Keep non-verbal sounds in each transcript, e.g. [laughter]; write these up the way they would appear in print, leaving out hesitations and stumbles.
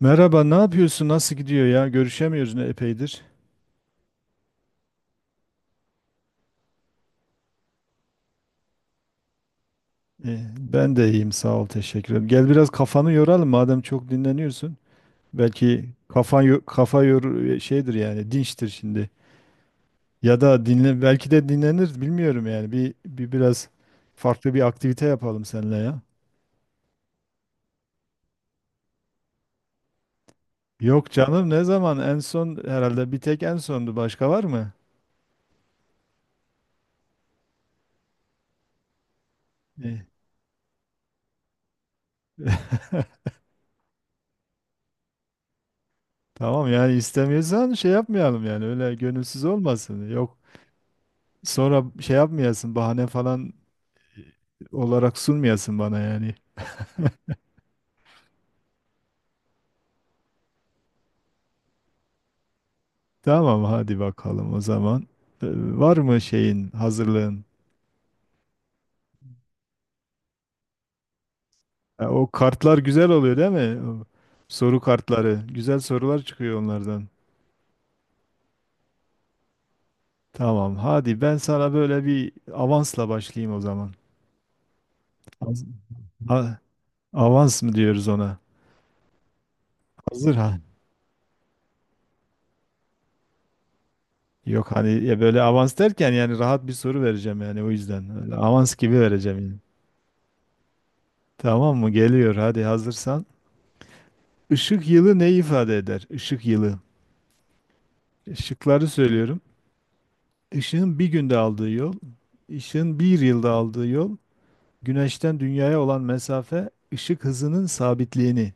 Merhaba, ne yapıyorsun? Nasıl gidiyor ya? Görüşemiyoruz ne epeydir. Ben de iyiyim, sağ ol, teşekkür ederim. Gel biraz kafanı yoralım madem çok dinleniyorsun. Belki kafa yor şeydir yani dinçtir şimdi. Ya da dinle belki de dinlenir bilmiyorum yani. Bir biraz farklı bir aktivite yapalım seninle ya. Yok canım, ne zaman en son? Herhalde bir tek en sondu, başka var mı? Ee, [laughs] Tamam, yani istemiyorsan şey yapmayalım yani öyle gönülsüz olmasın. Yok. Sonra şey yapmayasın, bahane falan olarak sunmayasın bana yani. Tamam hadi bakalım o zaman. Ee, Var mı şeyin, hazırlığın? Ha, o kartlar güzel oluyor değil mi? O soru kartları. Güzel sorular çıkıyor onlardan. Tamam, hadi ben sana böyle bir avansla başlayayım o zaman. Az- Ha, avans mı diyoruz ona? Hazır ha. Yok hani ya, böyle avans derken yani rahat bir soru vereceğim yani, o yüzden. Öyle avans gibi vereceğim yani. Tamam mı? Geliyor, hadi hazırsan. Işık yılı ne ifade eder? Işık yılı. Işıkları söylüyorum. Işığın bir günde aldığı yol, ışığın bir yılda aldığı yol, güneşten dünyaya olan mesafe, ışık hızının sabitliğini.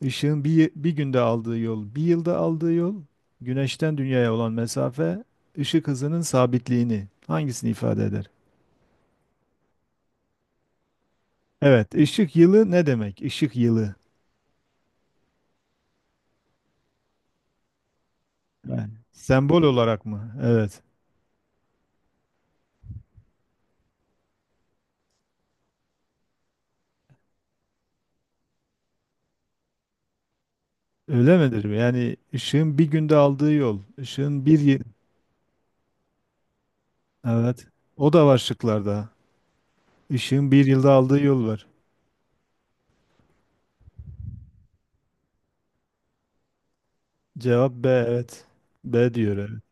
Işığın bir günde aldığı yol, bir yılda aldığı yol, güneşten dünyaya olan mesafe, ışık hızının sabitliğini. Hangisini ifade eder? Evet, ışık yılı ne demek? Işık yılı. Yani sembol olarak mı? Evet. Öyle midir? Yani ışığın bir günde aldığı yol, ışığın Evet. O da var şıklarda. Işığın bir yılda aldığı yol var. Cevap B, evet. B diyor, evet.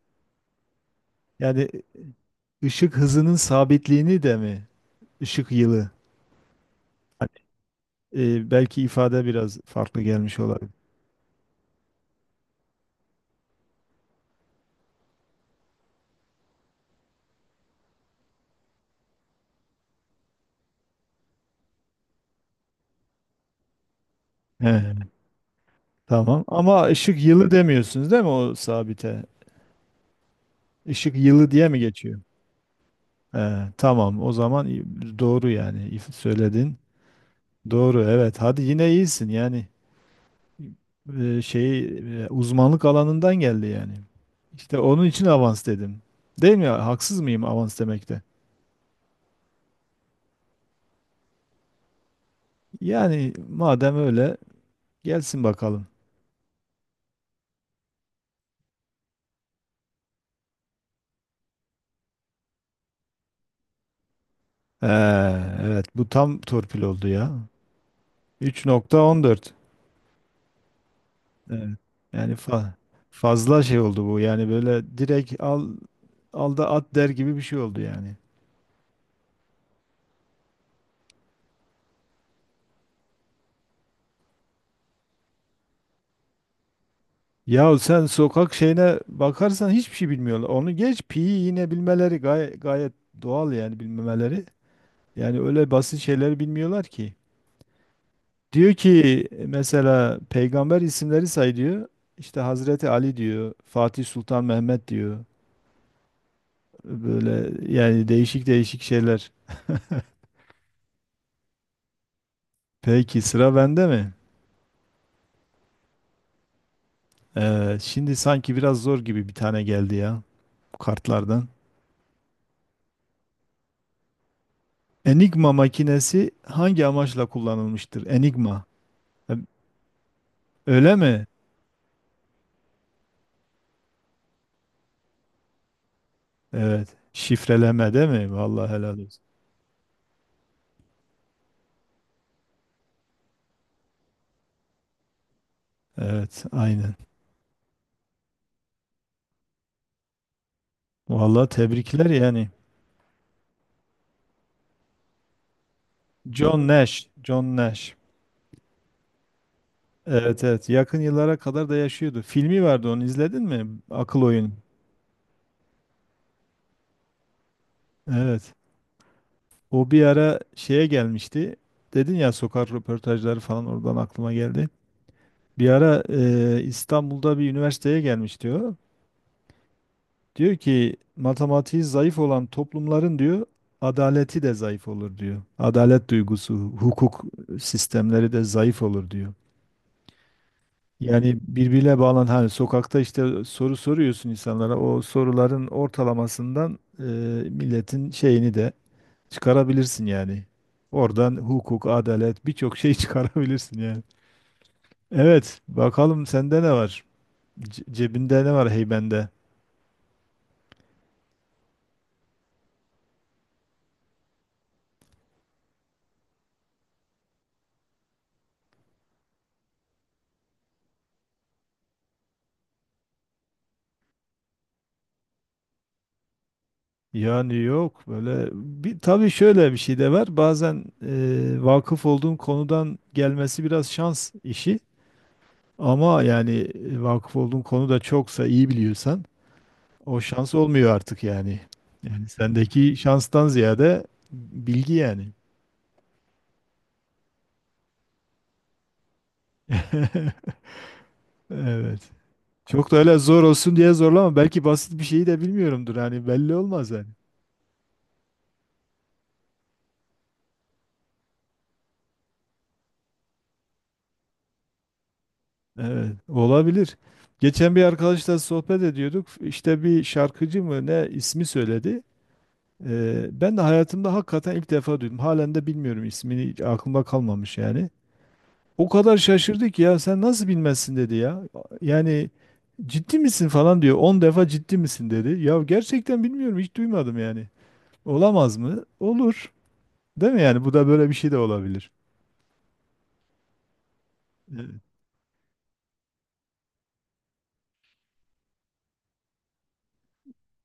Yani ışık hızının sabitliğini de mi? Işık yılı. Hani, belki ifade biraz farklı gelmiş olabilir. He, tamam. Ama ışık yılı demiyorsunuz değil mi o sabite? Işık yılı diye mi geçiyor? He, tamam. O zaman doğru yani. Söyledin. Doğru, evet. Hadi yine iyisin yani. e, şey Uzmanlık alanından geldi yani. İşte onun için avans dedim. Değil mi? Haksız mıyım avans demekte? Yani madem öyle, gelsin bakalım. Ee, evet, bu tam torpil oldu ya. 3,14. Evet. Yani fazla şey oldu bu. Yani böyle direkt al, al da at der gibi bir şey oldu yani. Ya sen sokak şeyine bakarsan hiçbir şey bilmiyorlar. Onu geç, pi yine bilmeleri gayet doğal yani, bilmemeleri. Yani öyle basit şeyler bilmiyorlar ki. Diyor ki mesela peygamber isimleri say diyor. İşte Hazreti Ali diyor, Fatih Sultan Mehmet diyor. Böyle yani, değişik değişik şeyler. Peki sıra bende mi? Şimdi sanki biraz zor gibi bir tane geldi ya kartlardan. Enigma makinesi hangi amaçla kullanılmıştır? Enigma. E, Öyle mi? Evet. Şifreleme değil mi? Vallahi helal olsun. Evet, aynen. Vallahi tebrikler yani. John Nash. John Nash. Evet, evet. Yakın yıllara kadar da yaşıyordu. Filmi vardı, onu izledin mi? Akıl Oyun. Evet. O bir ara şeye gelmişti. Dedin ya sokak röportajları, falan oradan aklıma geldi. Bir ara İstanbul'da bir üniversiteye gelmiş diyor. Diyor ki matematiği zayıf olan toplumların, diyor, adaleti de zayıf olur diyor. Adalet duygusu, hukuk sistemleri de zayıf olur diyor. Yani birbiriyle bağlan, hani sokakta işte soru soruyorsun insanlara, o soruların ortalamasından milletin şeyini de çıkarabilirsin yani. Oradan hukuk, adalet, birçok şey [laughs] çıkarabilirsin yani. Evet, bakalım sende ne var? Cebinde ne var, heybende? Yani yok böyle bir, tabii şöyle bir şey de var bazen, vakıf olduğun konudan gelmesi biraz şans işi, ama yani vakıf olduğun konu da çoksa, iyi biliyorsan o şans olmuyor artık yani. Yani sendeki şanstan ziyade bilgi yani. [laughs] Evet. Çok da öyle zor olsun diye zorlama. Belki basit bir şeyi de bilmiyorumdur. Hani belli olmaz yani. Evet, olabilir. Geçen bir arkadaşla sohbet ediyorduk. İşte bir şarkıcı mı ne, ismi söyledi. Ben de hayatımda hakikaten ilk defa duydum. Halen de bilmiyorum ismini. Hiç aklımda kalmamış yani. O kadar şaşırdı ki, ya sen nasıl bilmezsin dedi ya. Yani ciddi misin falan diyor. On defa ciddi misin dedi. Ya gerçekten bilmiyorum, hiç duymadım yani. Olamaz mı? Olur. Değil mi yani? Bu da böyle bir şey de olabilir. Evet.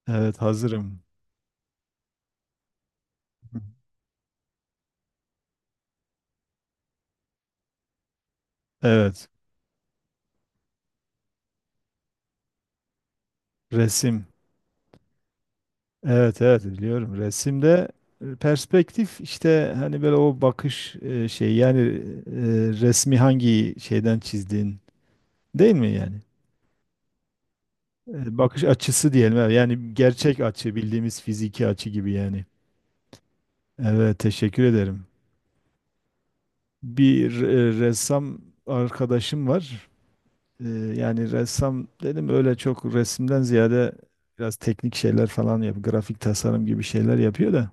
Evet, hazırım. Evet. Resim. Evet, evet, biliyorum. Resimde perspektif, işte hani böyle o bakış şey yani, resmi hangi şeyden çizdiğin, değil mi yani? Bakış açısı diyelim, evet. Yani gerçek açı, bildiğimiz fiziki açı gibi yani. Evet, teşekkür ederim. Bir ressam arkadaşım var. E, Yani ressam dedim, öyle çok resimden ziyade biraz teknik şeyler falan yapıyor. Grafik tasarım gibi şeyler yapıyor da.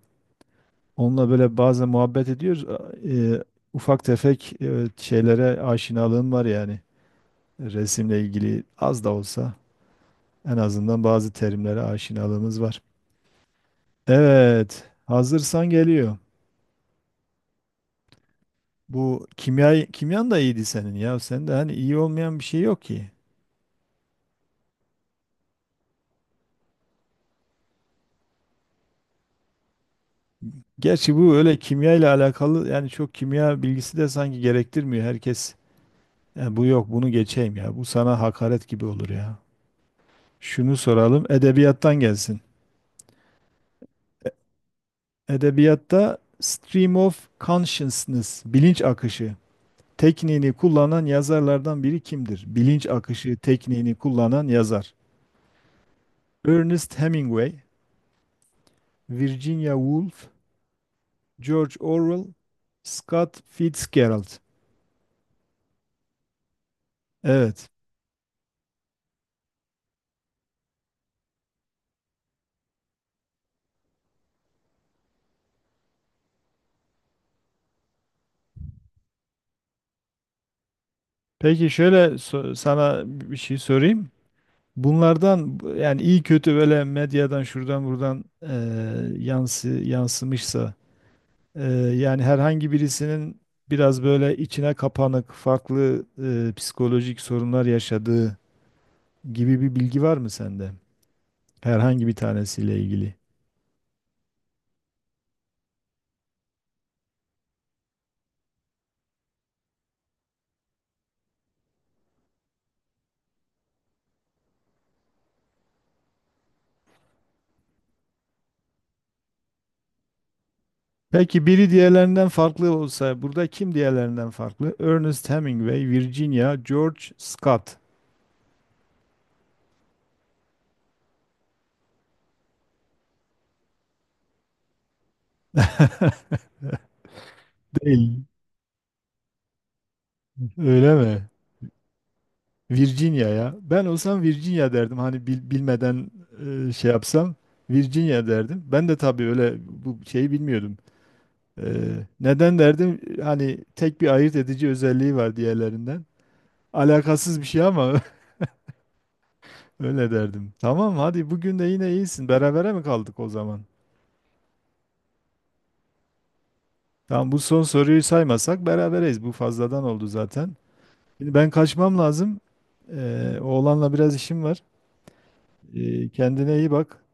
Onunla böyle bazen muhabbet ediyoruz. Ufak tefek şeylere aşinalığım var yani. Resimle ilgili az da olsa en azından bazı terimlere aşinalığımız var. Evet, hazırsan geliyor. Bu kimya, kimyan da iyiydi senin ya. Sen de hani iyi olmayan bir şey yok ki. Gerçi bu öyle kimya ile alakalı yani, çok kimya bilgisi de sanki gerektirmiyor herkes. "Ya bu yok, bunu geçeyim ya. Bu sana hakaret gibi olur ya. Şunu soralım, edebiyattan gelsin. Edebiyatta stream of consciousness, bilinç akışı tekniğini kullanan yazarlardan biri kimdir? Bilinç akışı tekniğini kullanan yazar. Ernest Hemingway, Virginia Woolf, George Orwell, Scott Fitzgerald. Evet. Peki şöyle, sana bir şey sorayım. Bunlardan, yani iyi kötü böyle medyadan şuradan buradan yansımışsa, eee, yani herhangi birisinin biraz böyle içine kapanık farklı, psikolojik sorunlar yaşadığı gibi bir bilgi var mı sende? Herhangi bir tanesiyle ilgili. Peki biri diğerlerinden farklı olsa, burada kim diğerlerinden farklı? Ernest Hemingway, Virginia, George, Scott. [laughs] Değil. Öyle mi? Virginia ya. Ben olsam Virginia derdim. Hani bilmeden şey yapsam Virginia derdim. Ben de tabii öyle, bu şeyi bilmiyordum. E, Neden derdim? Hani tek bir ayırt edici özelliği var diğerlerinden. Alakasız bir şey ama [laughs] öyle derdim. Tamam, hadi bugün de yine iyisin. Berabere mi kaldık o zaman? Tamam, bu son soruyu saymasak berabereyiz. Bu fazladan oldu zaten. Şimdi ben kaçmam lazım. Oğlanla biraz işim var. Kendine iyi bak.